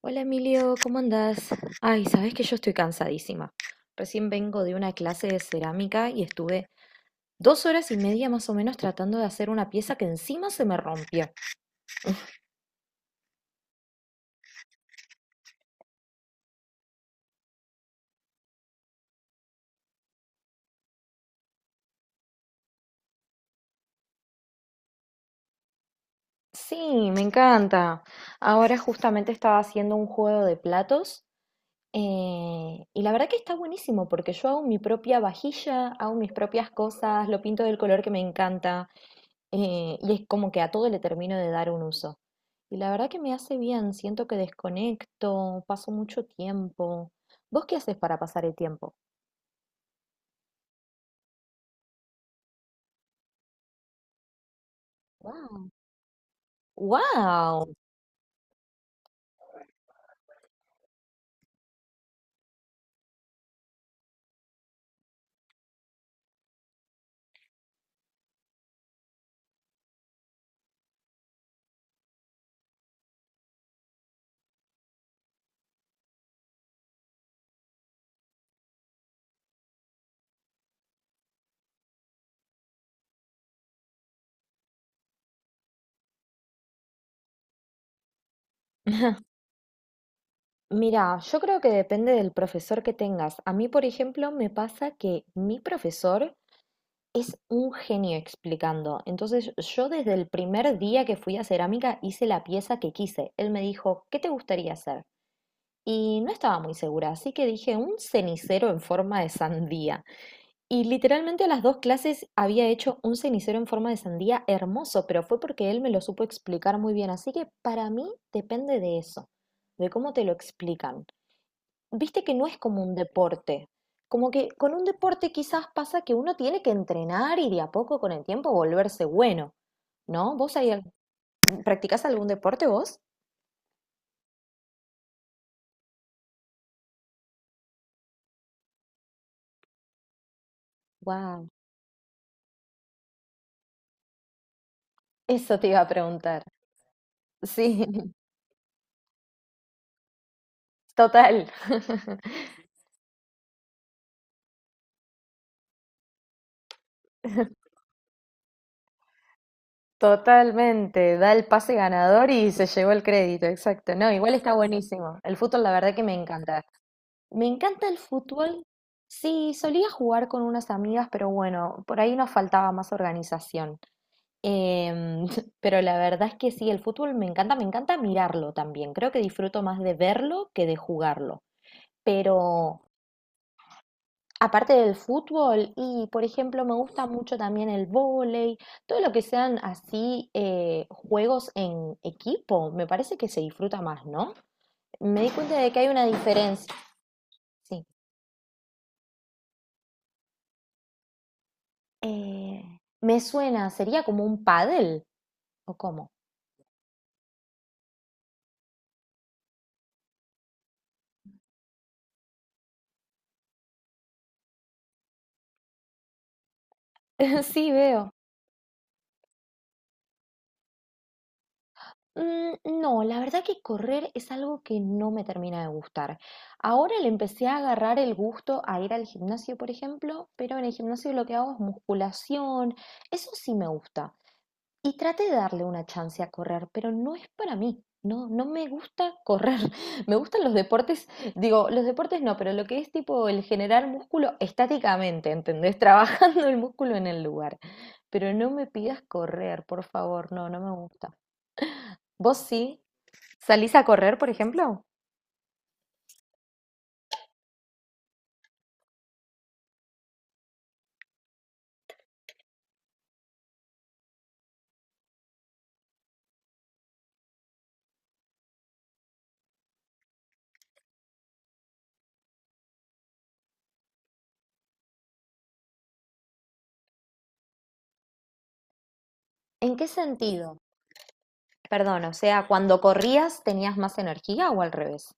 Hola Emilio, ¿cómo andás? Ay, sabes que yo estoy cansadísima. Recién vengo de una clase de cerámica y estuve 2 horas y media más o menos tratando de hacer una pieza que encima se me rompió. Sí, me encanta. Ahora justamente estaba haciendo un juego de platos y la verdad que está buenísimo porque yo hago mi propia vajilla, hago mis propias cosas, lo pinto del color que me encanta. Y es como que a todo le termino de dar un uso. Y la verdad que me hace bien, siento que desconecto, paso mucho tiempo. ¿Vos qué haces para pasar el tiempo? ¡Wow! ¡Wow! Mira, yo creo que depende del profesor que tengas. A mí, por ejemplo, me pasa que mi profesor es un genio explicando. Entonces, yo desde el primer día que fui a cerámica hice la pieza que quise. Él me dijo, ¿qué te gustaría hacer? Y no estaba muy segura, así que dije un cenicero en forma de sandía. Y literalmente a las dos clases había hecho un cenicero en forma de sandía hermoso, pero fue porque él me lo supo explicar muy bien. Así que para mí depende de eso, de cómo te lo explican. Viste que no es como un deporte. Como que con un deporte quizás pasa que uno tiene que entrenar y de a poco con el tiempo volverse bueno, ¿no? ¿Vos practicás algún deporte vos? ¡Wow, eso te iba a preguntar! Sí, total. Totalmente, da el pase ganador y se llevó el crédito, exacto. No, igual está buenísimo. El fútbol, la verdad que me encanta. Me encanta el fútbol. Sí, solía jugar con unas amigas, pero bueno, por ahí nos faltaba más organización. Em, pero la verdad es que sí, el fútbol me encanta mirarlo también. Creo que disfruto más de verlo que de jugarlo. Pero aparte del fútbol, y por ejemplo, me gusta mucho también el vóley, todo lo que sean así juegos en equipo, me parece que se disfruta más, ¿no? Me di cuenta de que hay una diferencia. Sí. Eh, Me suena, sería como un pádel, ¿o cómo? Sí, veo. Mm, no, la verdad que correr es algo que no me termina de gustar. Ahora le empecé a agarrar el gusto a ir al gimnasio, por ejemplo, pero en el gimnasio lo que hago es musculación. Eso sí me gusta. Y traté de darle una chance a correr, pero no es para mí. No, no me gusta correr. Me gustan los deportes, digo, los deportes no, pero lo que es tipo el generar músculo estáticamente, ¿entendés? Trabajando el músculo en el lugar. Pero no me pidas correr, por favor, no, no me gusta. ¿Vos sí? ¿Salís a correr, por ejemplo? ¿En qué sentido? Perdón, o sea, cuando corrías tenías más energía o al revés.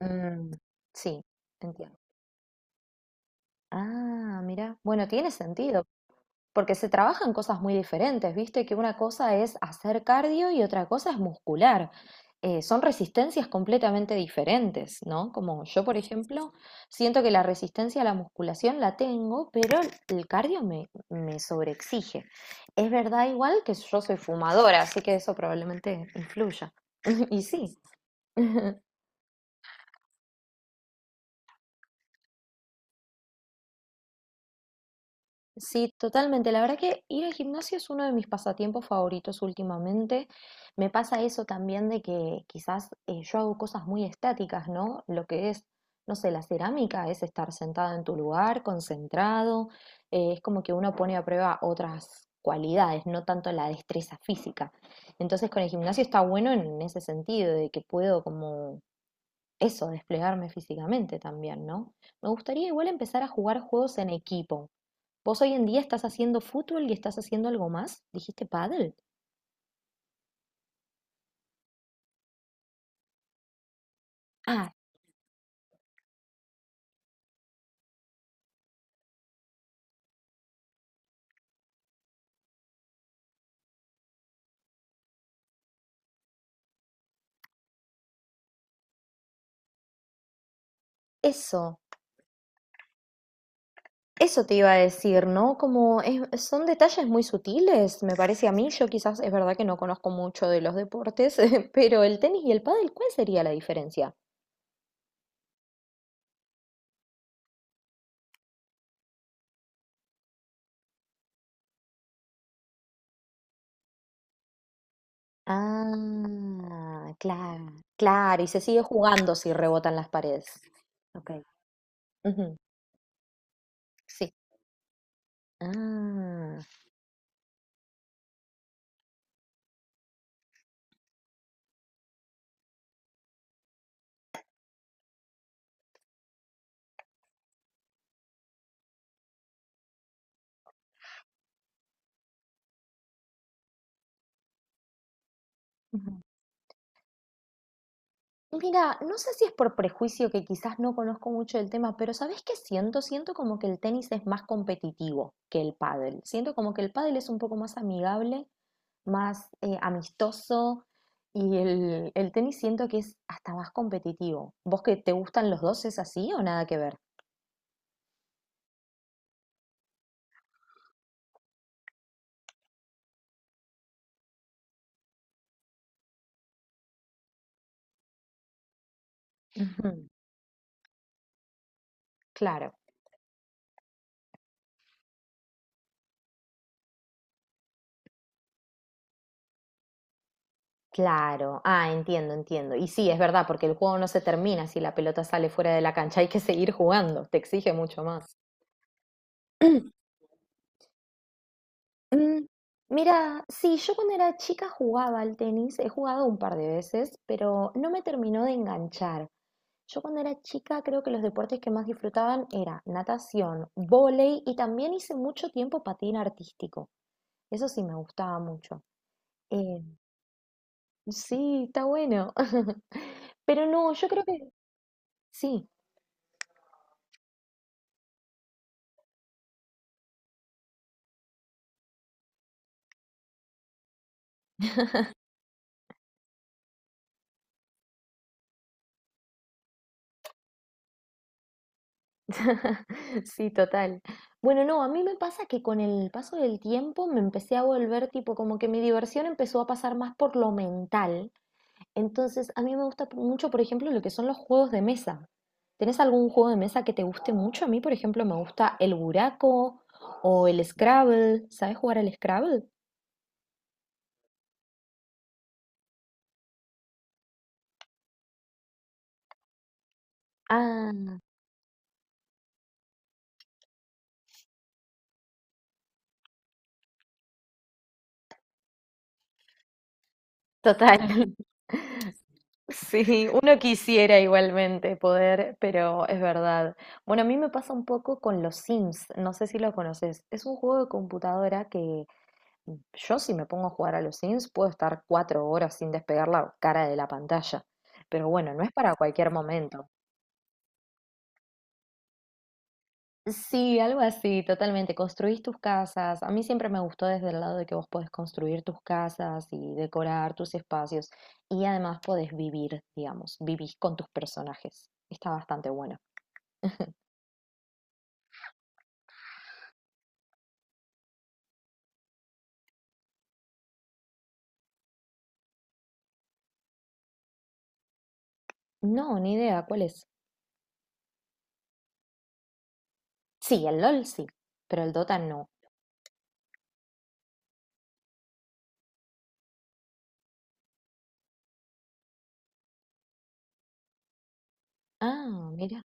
Mm, sí, entiendo. Ah, mira, bueno, tiene sentido. Porque se trabajan cosas muy diferentes, viste que una cosa es hacer cardio y otra cosa es muscular. Son resistencias completamente diferentes, ¿no? Como yo, por ejemplo, siento que la resistencia a la musculación la tengo, pero el cardio me sobreexige. Es verdad igual que yo soy fumadora, así que eso probablemente influya. Y sí. Sí, totalmente. La verdad que ir al gimnasio es uno de mis pasatiempos favoritos últimamente. Me pasa eso también de que quizás yo hago cosas muy estáticas, ¿no? Lo que es, no sé, la cerámica es estar sentado en tu lugar, concentrado. Es como que uno pone a prueba otras cualidades, no tanto la destreza física. Entonces con el gimnasio está bueno en ese sentido, de que puedo como eso, desplegarme físicamente también, ¿no? Me gustaría igual empezar a jugar juegos en equipo, ¿vos hoy en día estás haciendo fútbol y estás haciendo algo más? ¿Dijiste pádel? Ah, eso, eso te iba a decir, ¿no? Son detalles muy sutiles, me parece a mí. Yo quizás es verdad que no conozco mucho de los deportes, pero el tenis y el pádel, ¿cuál sería la diferencia? Ah, claro, claro, y se sigue jugando si rebotan las paredes. Ok. Ujú, sí. Ah, mira, no sé si es por prejuicio que quizás no conozco mucho del tema, pero ¿sabés qué siento? Siento como que el tenis es más competitivo que el pádel. Siento como que el pádel es un poco más amigable, más amistoso y el tenis siento que es hasta más competitivo. ¿Vos que te gustan los dos es así o nada que ver? Ujú, claro. Claro, ah, entiendo, entiendo. Y sí, es verdad, porque el juego no se termina si la pelota sale fuera de la cancha, hay que seguir jugando, te exige mucho más. Mm, mira, sí, yo cuando era chica jugaba al tenis, he jugado un par de veces, pero no me terminó de enganchar. Yo cuando era chica creo que los deportes que más disfrutaban era natación, vóley y también hice mucho tiempo patín artístico. Eso sí me gustaba mucho. Eh, sí, está bueno. Pero no, yo creo que sí. Sí, total. Bueno, no, a mí me pasa que con el paso del tiempo me empecé a volver tipo como que mi diversión empezó a pasar más por lo mental. Entonces, a mí me gusta mucho, por ejemplo, lo que son los juegos de mesa. ¿Tenés algún juego de mesa que te guste mucho? A mí, por ejemplo, me gusta el buraco o el Scrabble. ¿Sabes jugar al Scrabble? Ah, total. Sí, uno quisiera igualmente poder, pero es verdad. Bueno, a mí me pasa un poco con los Sims, no sé si lo conoces. Es un juego de computadora que yo si me pongo a jugar a los Sims puedo estar 4 horas sin despegar la cara de la pantalla. Pero bueno, no es para cualquier momento. Sí, algo así, totalmente. Construís tus casas. A mí siempre me gustó desde el lado de que vos podés construir tus casas y decorar tus espacios. Y además podés vivir, digamos, vivís con tus personajes. Está bastante bueno. No, ni idea, ¿cuál es? Sí, el LOL sí, pero el Dota no. Ah, mira.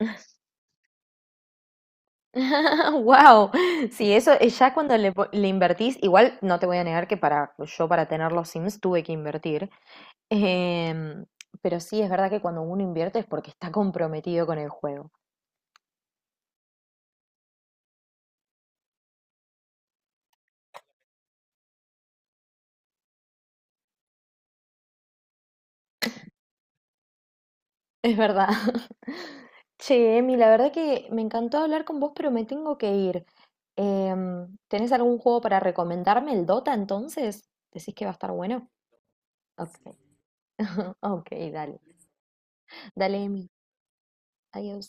Wow, sí, eso ya cuando le, le invertís, igual no te voy a negar que para pues, yo para tener los Sims tuve que invertir, em, pero sí es verdad que cuando uno invierte es porque está comprometido con el juego, es verdad. Che, Emi, la verdad que me encantó hablar con vos, pero me tengo que ir. Em, ¿tenés algún juego para recomendarme? ¿El Dota entonces? ¿Decís que va a estar bueno? Ok. Ok, dale. Dale, Emi. Adiós.